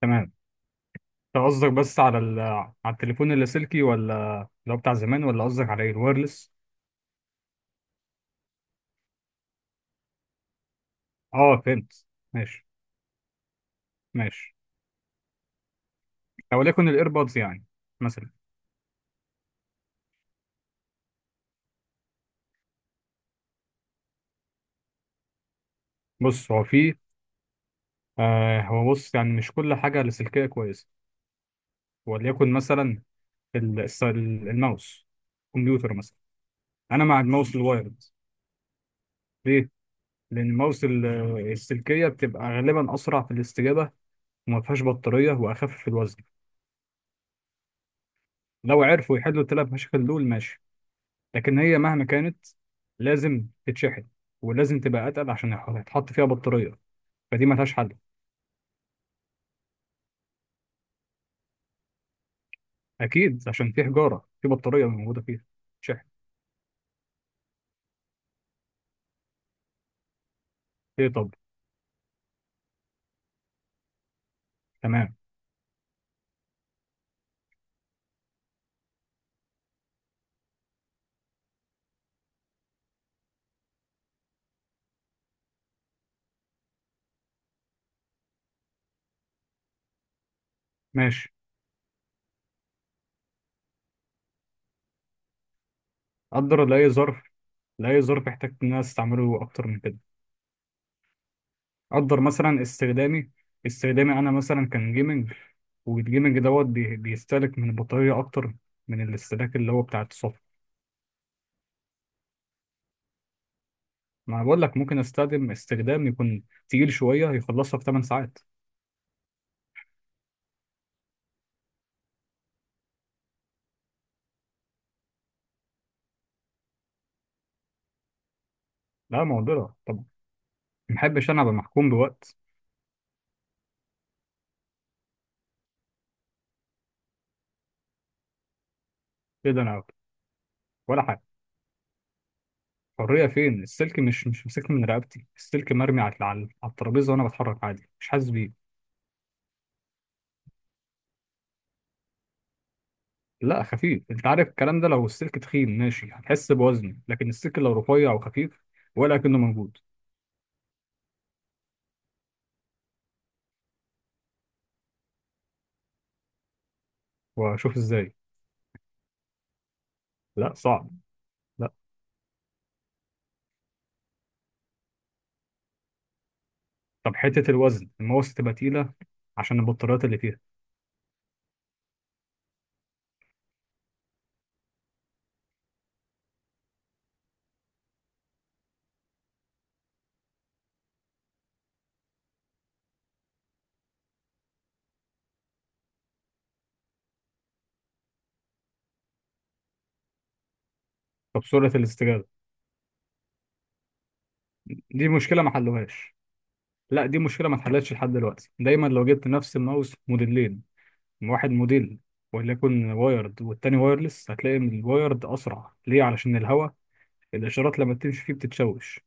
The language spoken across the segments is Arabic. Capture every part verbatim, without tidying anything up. تمام. انت قصدك بس على ال... على التليفون اللاسلكي، ولا اللي هو بتاع زمان، ولا قصدك على ايه الوايرلس؟ اه، فهمت. ماشي. ماشي. او ليكن الايربودز يعني، مثلا. بص هو في، آه هو بص يعني مش كل حاجه لاسلكيه كويسه. وليكن مثلا ال... الس- ال- الماوس، كمبيوتر مثلا. انا مع الماوس الوايرد. ليه؟ لان الماوس ال- السلكيه بتبقى غالبا اسرع في الاستجابه، وما فيهاش بطاريه، واخف في الوزن. لو عرفوا يحلوا الثلاث مشاكل دول ماشي، لكن هي مهما كانت لازم تتشحن، ولازم تبقى اتقل عشان يح- يتحط فيها بطاريه. فدي ما لهاش حل. اكيد عشان في حجاره، في بطاريه موجوده فيها تشحن. ايه؟ طب. تمام. ماشي. قدر لاي ظرف، لاي ظرف احتجت ان انا استعمله اكتر من كده. قدر مثلا استخدامي، استخدامي انا مثلا كان جيمنج، والجيمنج دوت بي- بيستهلك من البطاريه اكتر من الاستهلاك اللي هو بتاع الصفر. ما أنا بقول لك ممكن استخدم استخدام يكون تقيل شويه، يخلصها في 8 ساعات. لا، معضله. طب، ما بحبش انا ابقى محكوم بوقت. ايه ده، انا أقعد؟ ولا حاجه. حريه فين؟ السلك مش مش مسكني من رقبتي، السلك مرمي على على على الترابيزه، وانا بتحرك عادي مش حاسس بيه. لا، خفيف. انت عارف الكلام ده، لو السلك تخين ماشي هتحس بوزني، لكن السلك لو رفيع وخفيف ولا كأنه موجود. واشوف ازاي. لا، صعب. لا. طب حته الوزن المواسط تبقى تقيله عشان البطاريات اللي فيها. طب سرعه الاستجابه؟ دي مشكله ما حلوهاش. لا، دي مشكله ما اتحلتش لحد دلوقتي. دايما لو جبت نفس الماوس موديلين، من واحد موديل، وليكن وايرد والتاني وايرلس، هتلاقي ان الوايرد اسرع. ليه؟ علشان الهواء، الاشارات لما بتمشي فيه بتتشوش.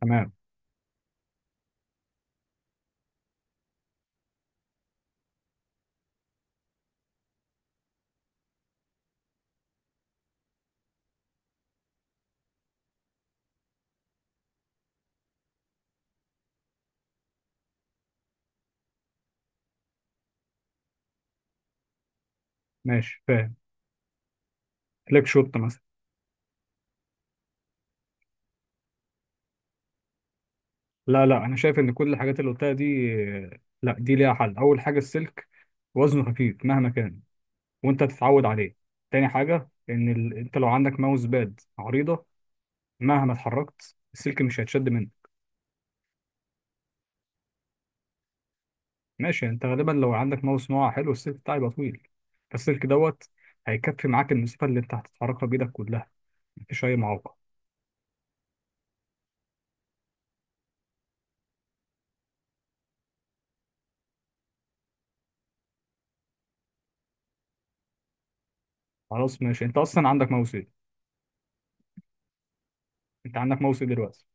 تمام. ماشي فاهم. لك شوت مثلا. لا لا، انا شايف ان كل الحاجات اللي قلتها دي، لا دي ليها حل. اول حاجه، السلك وزنه خفيف مهما كان، وانت تتعود عليه. تاني حاجه، ان ال... انت لو عندك ماوس باد عريضه، مهما اتحركت السلك مش هيتشد منك. ماشي. انت غالبا لو عندك ماوس نوع حلو، السلك بتاعه يبقى طويل. فالسلك دوت هيكفي معاك المسافه اللي انت هتتحركها بايدك كلها. مفيش اي معوقه. خلاص، ماشي. انت اصلا عندك ماوس ايه؟ انت عندك ماوس ايه دلوقتي؟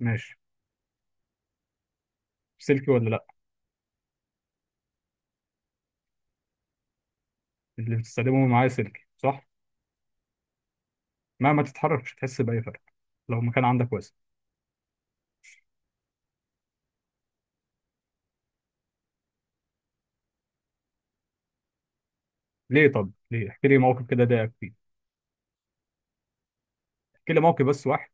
ماشي. سلكي ولا لا؟ اللي بتستخدمه معايا سلكي صح؟ مهما تتحرك مش هتحس باي فرق لو مكان عندك واسع. ليه؟ طب ليه؟ احكي لي موقف كده ضايقك فيه. احكي لي موقف بس واحد.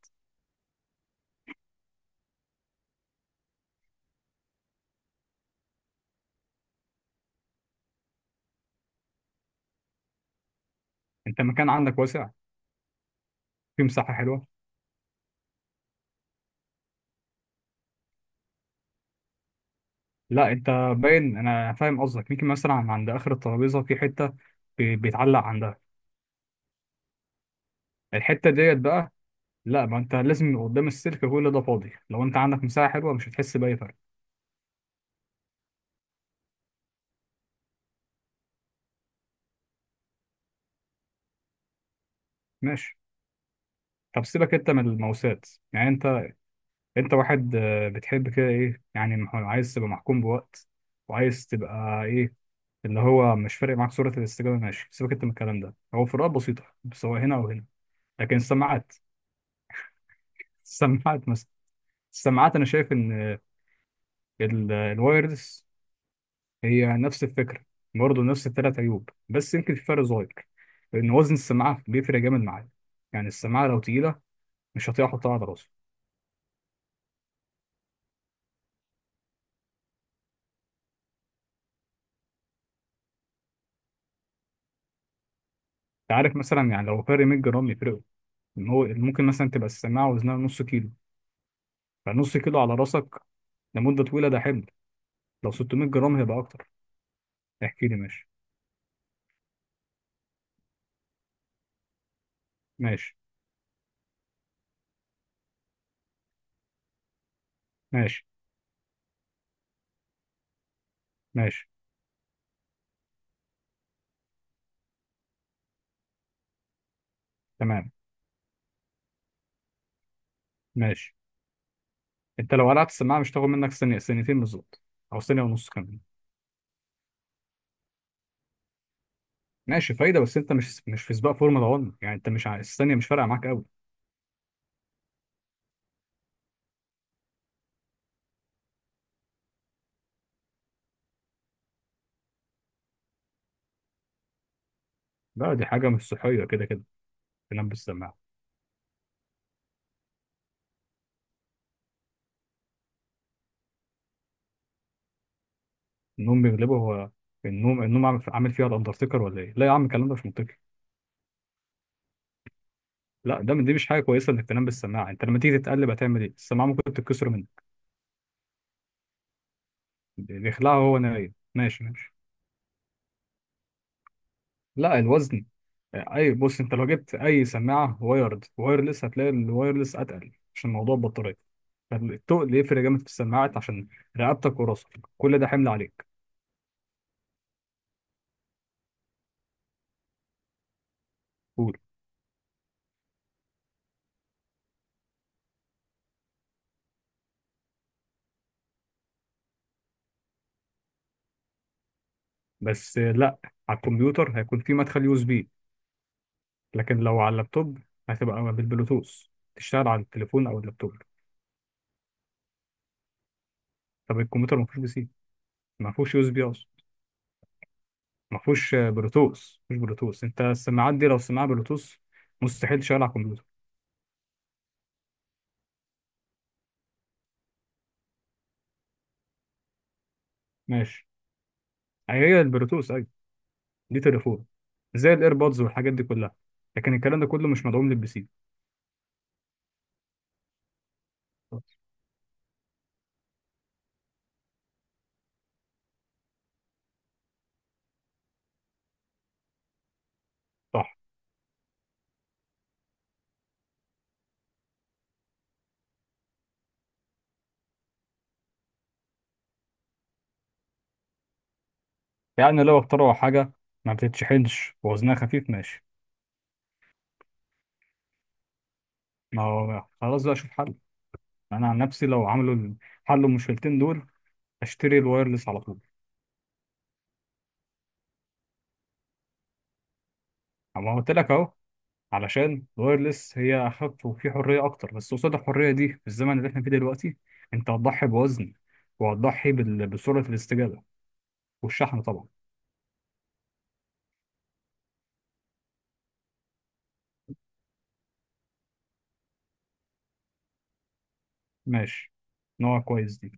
انت مكان عندك واسع، في مساحه حلوه. لا انت، باين انا فاهم قصدك. يمكن مثلا عند اخر الترابيزه في حته بي- بيتعلق عندها. الحته ديت بقى. لا، ما انت لازم يبقى قدام السلك كل ده فاضي. لو انت عندك مساحه حلوه مش هتحس باي فرق. ماشي. طب سيبك انت من الموساد، يعني انت، انت واحد آه، بتحب كده ايه يعني، مح- عايز تبقى محكوم بوقت وعايز تبقى ايه اللي هو مش فارق معاك سرعه الاستجابه؟ ماشي، سيبك انت من الكلام ده. هو فروقات بسيطه سواء هنا او هنا. لكن السماعات. السماعات مثلا، السماعات انا شايف ان ال- الوايرلس هي نفس الفكرة. برضه نفس الثلاث عيوب، بس يمكن في فرق صغير. لأن وزن السماعة بيفرق جامد معايا. يعني السماعة لو تقيلة مش هطيق أحطها على راسي. أنت عارف مثلا يعني، لو فرق 100 جرام يفرقوا، إن هو ممكن مثلا تبقى السماعة وزنها نص كيلو. فنص كيلو على راسك لمدة طويلة ده حمل. لو 600 جرام هيبقى أكتر. احكي لي، ماشي. ماشي. ماشي. ماشي. تمام. ماشي. أنت لو قلعت السماعة مش هتاخد منك ثانية، ثانيتين بالظبط، أو ثانية ونص كمان. ماشي فايدة، بس أنت مش مش في سباق فورمولا واحد يعني. أنت مش ع- الثانية مش فارقة معاك قوي. لا، دي حاجة مش صحية كده كده، تنام بالسماعة. النوم بيغلبه هو؟ النوم النوم عامل عامل فيها الأندرتيكر ولا إيه؟ لا يا عم، الكلام ده مش منطقي. لا ده، دي مش حاجة كويسة إنك تنام بالسماعة. أنت لما تيجي تتقلب هتعمل إيه؟ السماعة ممكن تتكسر منك. بيخلعها وهو نايم؟ ماشي. ماشي. لا، الوزن. أي، بص أنت لو جبت أي سماعة وايرد وايرلس هتلاقي الوايرلس أتقل عشان موضوع البطارية. فالتقل يفرق جامد في السماعات عشان رقبتك وراسك، كل ده حمل عليك. قول. بس لا، على الكمبيوتر هيكون في مدخل يو اس بي، لكن لو على اللابتوب هتبقى بالبلوتوث تشتغل على التليفون او اللابتوب. طب الكمبيوتر ما فيهوش بي سي، ما فيهوش يو اس بي اصلا. ما فيهوش آه، بلوتوث. مش بلوتوث؟ انت السماعات دي لو سماعه بلوتوث مستحيل تشتغل على الكمبيوتر. ماشي. أي هي البلوتوث ايوه، دي تليفون، زي الايربودز والحاجات دي كلها. لكن الكلام ده كله مش مدعوم للبي سي. صح. يعني لو اخترعوا حاجه ما بتتشحنش ووزنها خفيف ماشي. ما هو خلاص بقى، اشوف حل. انا عن نفسي لو عملوا ال- حلوا المشكلتين دول اشتري الوايرلس على طول. اما قلت لك اهو، علشان الوايرلس هي اخف وفي حريه اكتر، بس قصاد الحريه دي في الزمن اللي احنا فيه دلوقتي انت هتضحي بوزن، وهتضحي بال- بسرعه الاستجابه، والشحن طبعا. ماشي، نوع كويس دي.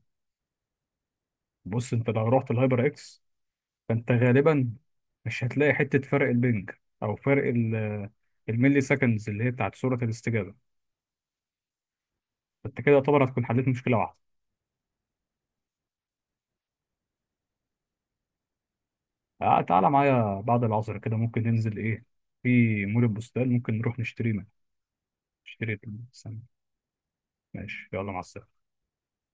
بص انت لو رحت الهايبر اكس فانت غالبا مش هتلاقي حته فرق البنج، او فرق ال- الملي سكندز اللي هي بتاعت سرعه الاستجابه. فانت كده يعتبر هتكون حليت مشكله واحده. آه، تعالى معايا بعد العصر كده ممكن ننزل ايه في مول البستان، ممكن نروح نشتري منه، نشتري. ماشي، يلا مع السلامة.